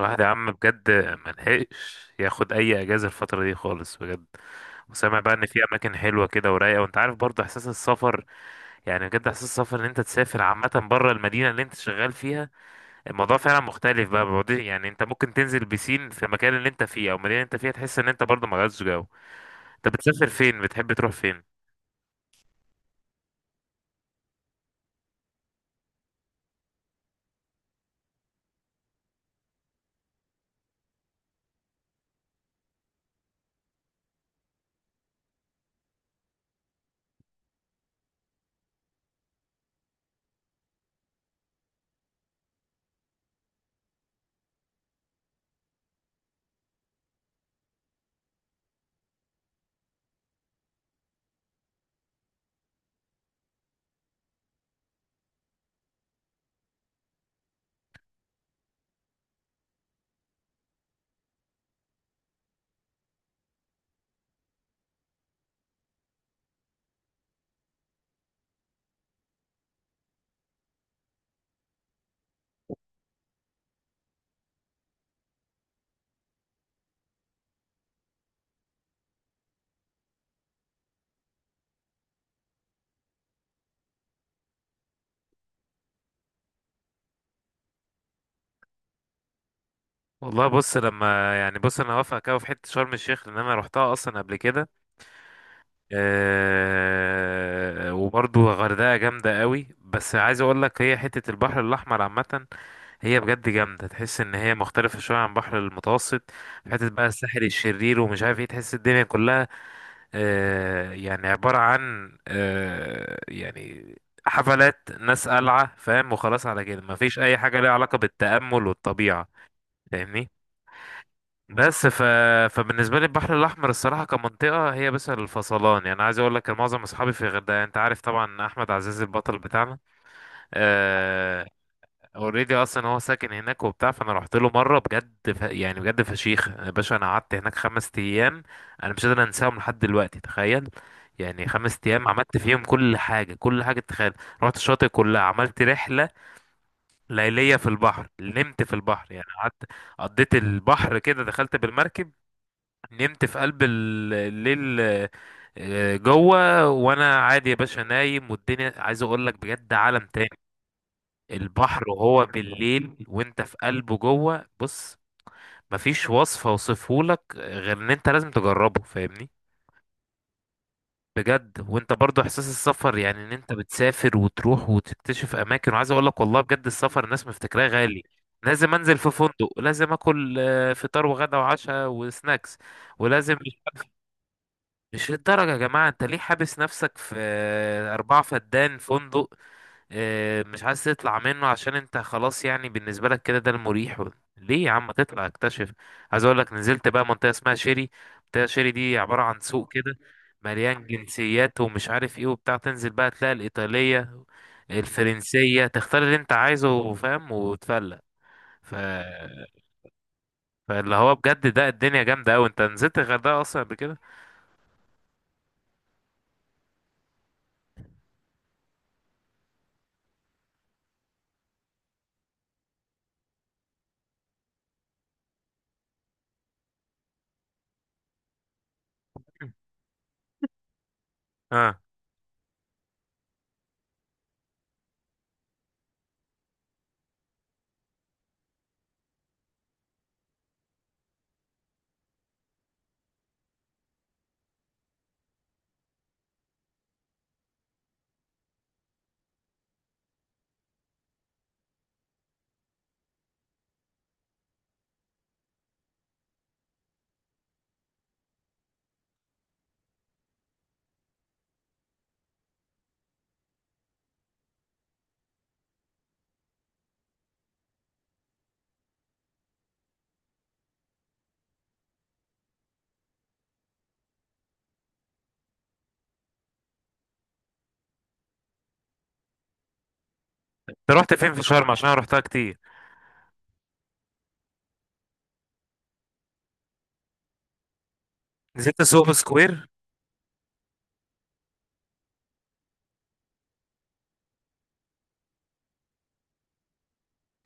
الواحد يا عم بجد، ملحقش ياخد اي اجازه الفتره دي خالص بجد. وسامع بقى ان في اماكن حلوه كده ورايقه، وانت عارف برضه احساس السفر. يعني بجد احساس السفر ان انت تسافر عامه بره المدينه اللي انت شغال فيها، الموضوع فعلا مختلف بقى. يعني انت ممكن تنزل بسين في المكان اللي انت فيه او المدينه اللي انت فيها، تحس ان انت برضه ما غيرتش جو. انت بتسافر فين؟ بتحب تروح فين؟ والله بص، لما يعني بص انا هوافقك أوي في حته شرم الشيخ لان انا روحتها اصلا قبل كده. آه، وبرضو الغردقة جامدة قوي، بس عايز اقول لك هي حتة البحر الاحمر عامة، هي بجد جامدة. تحس ان هي مختلفة شوية عن البحر المتوسط. في حتة بقى الساحل الشرير ومش عارف ايه، تحس الدنيا كلها يعني عبارة عن يعني حفلات ناس قلعة فاهم، وخلاص على كده مفيش اي حاجة ليها علاقة بالتأمل والطبيعة. فاهمني؟ بس ف... فبالنسبه لي البحر الاحمر الصراحه كمنطقه هي بس الفصلان. يعني عايز اقول لك إن معظم اصحابي في الغردقه، يعني انت عارف طبعا احمد عزيز البطل بتاعنا اوريدي، اصلا هو ساكن هناك وبتاع، فانا رحت له مره بجد. يعني بجد فشيخ يا باشا، انا قعدت هناك 5 ايام. انا مش قادر انساهم لحد دلوقتي، تخيل. يعني 5 ايام عملت فيهم كل حاجه، كل حاجه تتخيل. رحت الشاطئ كلها، عملت رحله ليليه في البحر، نمت في البحر، يعني قعدت قضيت البحر كده، دخلت بالمركب نمت في قلب الليل. جوه وانا عادي يا باشا نايم، والدنيا عايز اقول لك بجد عالم تاني. البحر وهو بالليل وانت في قلبه جوه، بص، مفيش وصف اوصفهولك غير ان انت لازم تجربه. فاهمني؟ بجد. وانت برضو احساس السفر يعني ان انت بتسافر وتروح وتكتشف اماكن. وعايز اقول لك والله بجد، السفر الناس مفتكراه غالي، لازم انزل في فندق، لازم اكل فطار وغدا وعشاء وسناكس، ولازم مش للدرجة. يا جماعة انت ليه حابس نفسك في 4 فدان فندق؟ مش عايز تطلع منه عشان انت خلاص، يعني بالنسبة لك كده ده المريح ليه يا عم ما تطلع اكتشف؟ عايز اقول لك نزلت بقى منطقة اسمها شيري. منطقة شيري دي عبارة عن سوق كده مليان جنسيات ومش عارف ايه وبتاع، تنزل بقى تلاقي الإيطالية، الفرنسية، تختار اللي انت عايزه فاهم وتفلق. ف... فاللي هو بجد ده الدنيا جامدة أوي. انت نزلت الغردقة أصلا قبل كده؟ اه. انت رحت فين في شرم؟ عشان انا رحتها كتير. نزلت سوهو سكوير؟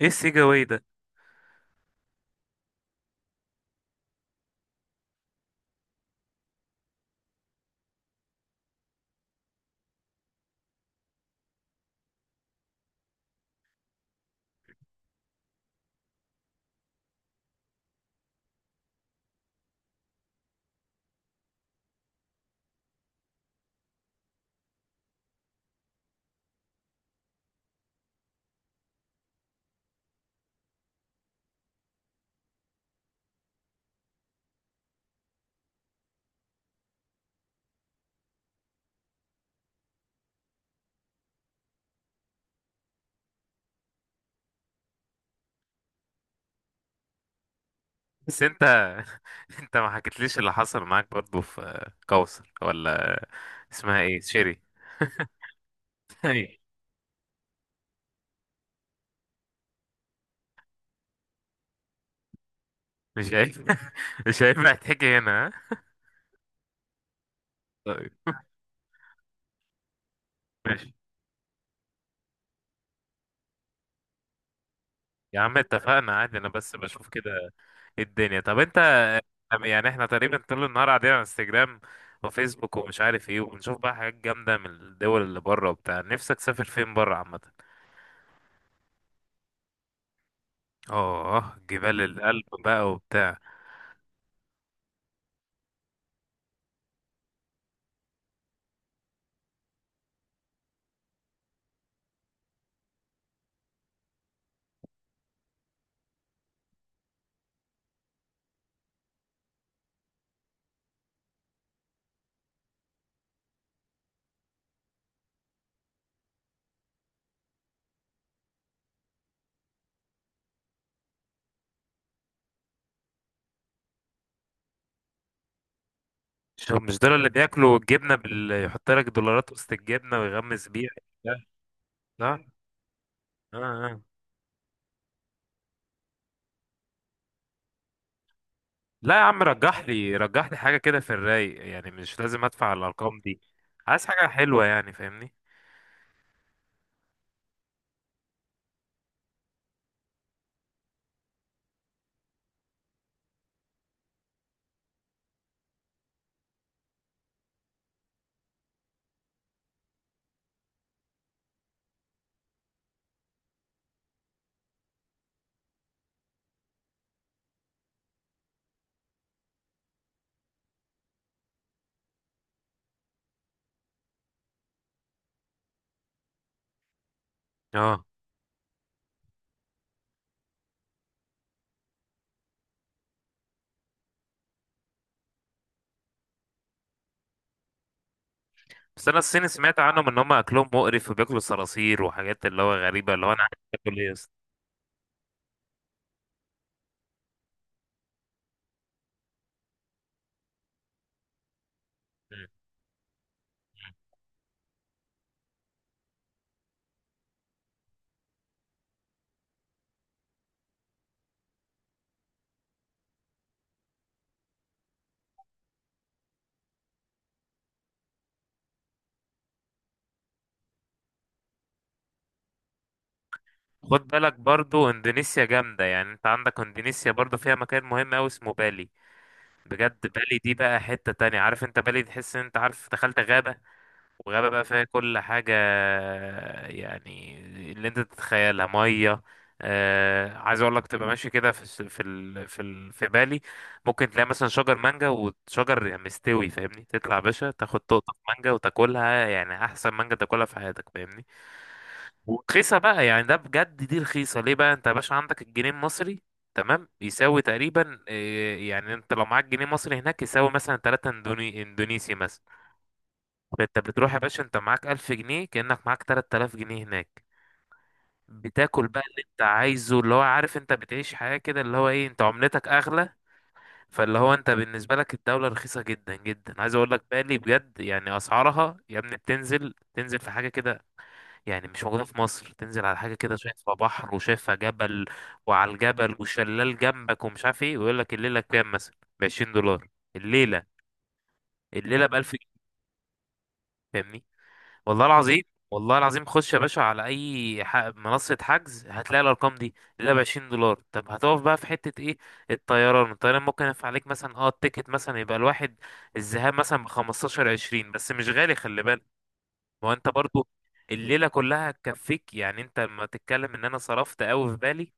ايه السيجا واي ده؟ بس انت انت ما حكيتليش اللي حصل معاك برضو في كوثر، ولا اسمها ايه، شيري؟ ايه؟ مش عارف. مش عارف هتحكي هنا، ها؟ طيب. ماشي. يا عم اتفقنا، عادي انا بس بشوف كده ايه الدنيا. طب انت، يعني احنا تقريبا طول النهار قاعدين على انستجرام وفيسبوك ومش عارف ايه، وبنشوف بقى حاجات جامدة من الدول اللي بره وبتاع. نفسك تسافر فين بره عامة؟ اه، جبال الألب بقى وبتاع. مش دول اللي بياكلوا الجبنه يحط لك دولارات وسط الجبنه ويغمس بيها؟ لا، لا. آه. آه. لا يا عم، رجح لي رجح لي حاجه كده في الرايق، يعني مش لازم ادفع الارقام دي. عايز حاجه حلوه يعني، فاهمني؟ اه. بس انا الصيني سمعت عنهم ان هم اكلهم مقرف وبياكلوا صراصير وحاجات اللي هو غريبه، اللي هو انا عايز اكل ايه يا اسطى؟ مم. خد بالك برضو اندونيسيا جامدة. يعني انت عندك اندونيسيا برضو فيها مكان مهم اوي اسمه بالي. بجد بالي دي بقى حتة تانية. عارف انت بالي تحس ان انت عارف دخلت غابة، وغابة بقى فيها كل حاجة، يعني اللي انت تتخيلها مية. آه، عايز اقول لك تبقى ماشي كده في الس- في ال في ال في بالي، ممكن تلاقي مثلا شجر مانجا وشجر يعني مستوي، فاهمني؟ تطلع يا باشا تاخد تقطة مانجا وتاكلها، يعني احسن مانجا تاكلها في حياتك، فاهمني؟ ورخيصة بقى، يعني ده بجد دي رخيصة. ليه بقى؟ انت يا باشا عندك الجنيه المصري تمام، يساوي تقريبا يعني انت لو معاك جنيه مصري هناك يساوي مثلا 3 اندونيسي مثلا. انت بتروح يا باشا انت معاك 1000 جنيه، كأنك معاك 3000 جنيه هناك. بتاكل بقى اللي انت عايزه، اللي هو عارف انت بتعيش حياة كده، اللي هو ايه، انت عملتك اغلى. فاللي هو انت بالنسبة لك الدولة رخيصة جدا جدا. عايز اقول لك بالي بجد، يعني اسعارها يا ابني بتنزل، تنزل في حاجة كده يعني مش موجودة في مصر. تنزل على حاجة كده شايفها بحر وشايفها جبل، وعلى الجبل وشلال جنبك ومش عارف ايه، ويقول لك الليلة بكام؟ مثلا ب 20 دولار الليلة. الليلة ب 1000 جنيه، فاهمني؟ والله العظيم، والله العظيم. خش يا باشا على اي منصة حجز هتلاقي الارقام دي اللي ب 20 دولار. طب هتقف بقى في حتة ايه؟ الطيران، الطيران ممكن ينفع عليك مثلا. اه التيكت مثلا يبقى الواحد الذهاب مثلا ب 15 20، بس مش غالي خلي بالك. ما هو انت برضو الليلة كلها هتكفيك. يعني انت لما تتكلم ان انا صرفت قوي في بالي،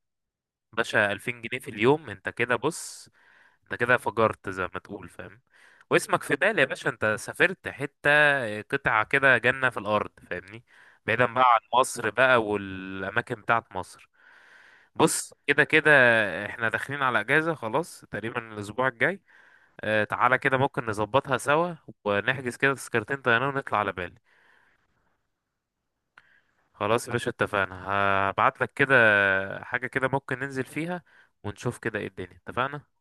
باشا 2000 جنيه في اليوم، انت كده بص، انت كده فجرت زي ما تقول، فاهم؟ واسمك في بالي يا باشا، انت سافرت حتة قطعة كده جنة في الأرض، فاهمني؟ بعيدا بقى عن مصر بقى والأماكن بتاعت مصر. بص، كده كده احنا داخلين على اجازة خلاص تقريبا الأسبوع الجاي. اه، تعالى كده ممكن نظبطها سوا، ونحجز كده تذكرتين طيران ونطلع على بالي. خلاص يا باشا اتفقنا. هبعت لك كده حاجة كده ممكن ننزل فيها، ونشوف كده ايه الدنيا. اتفقنا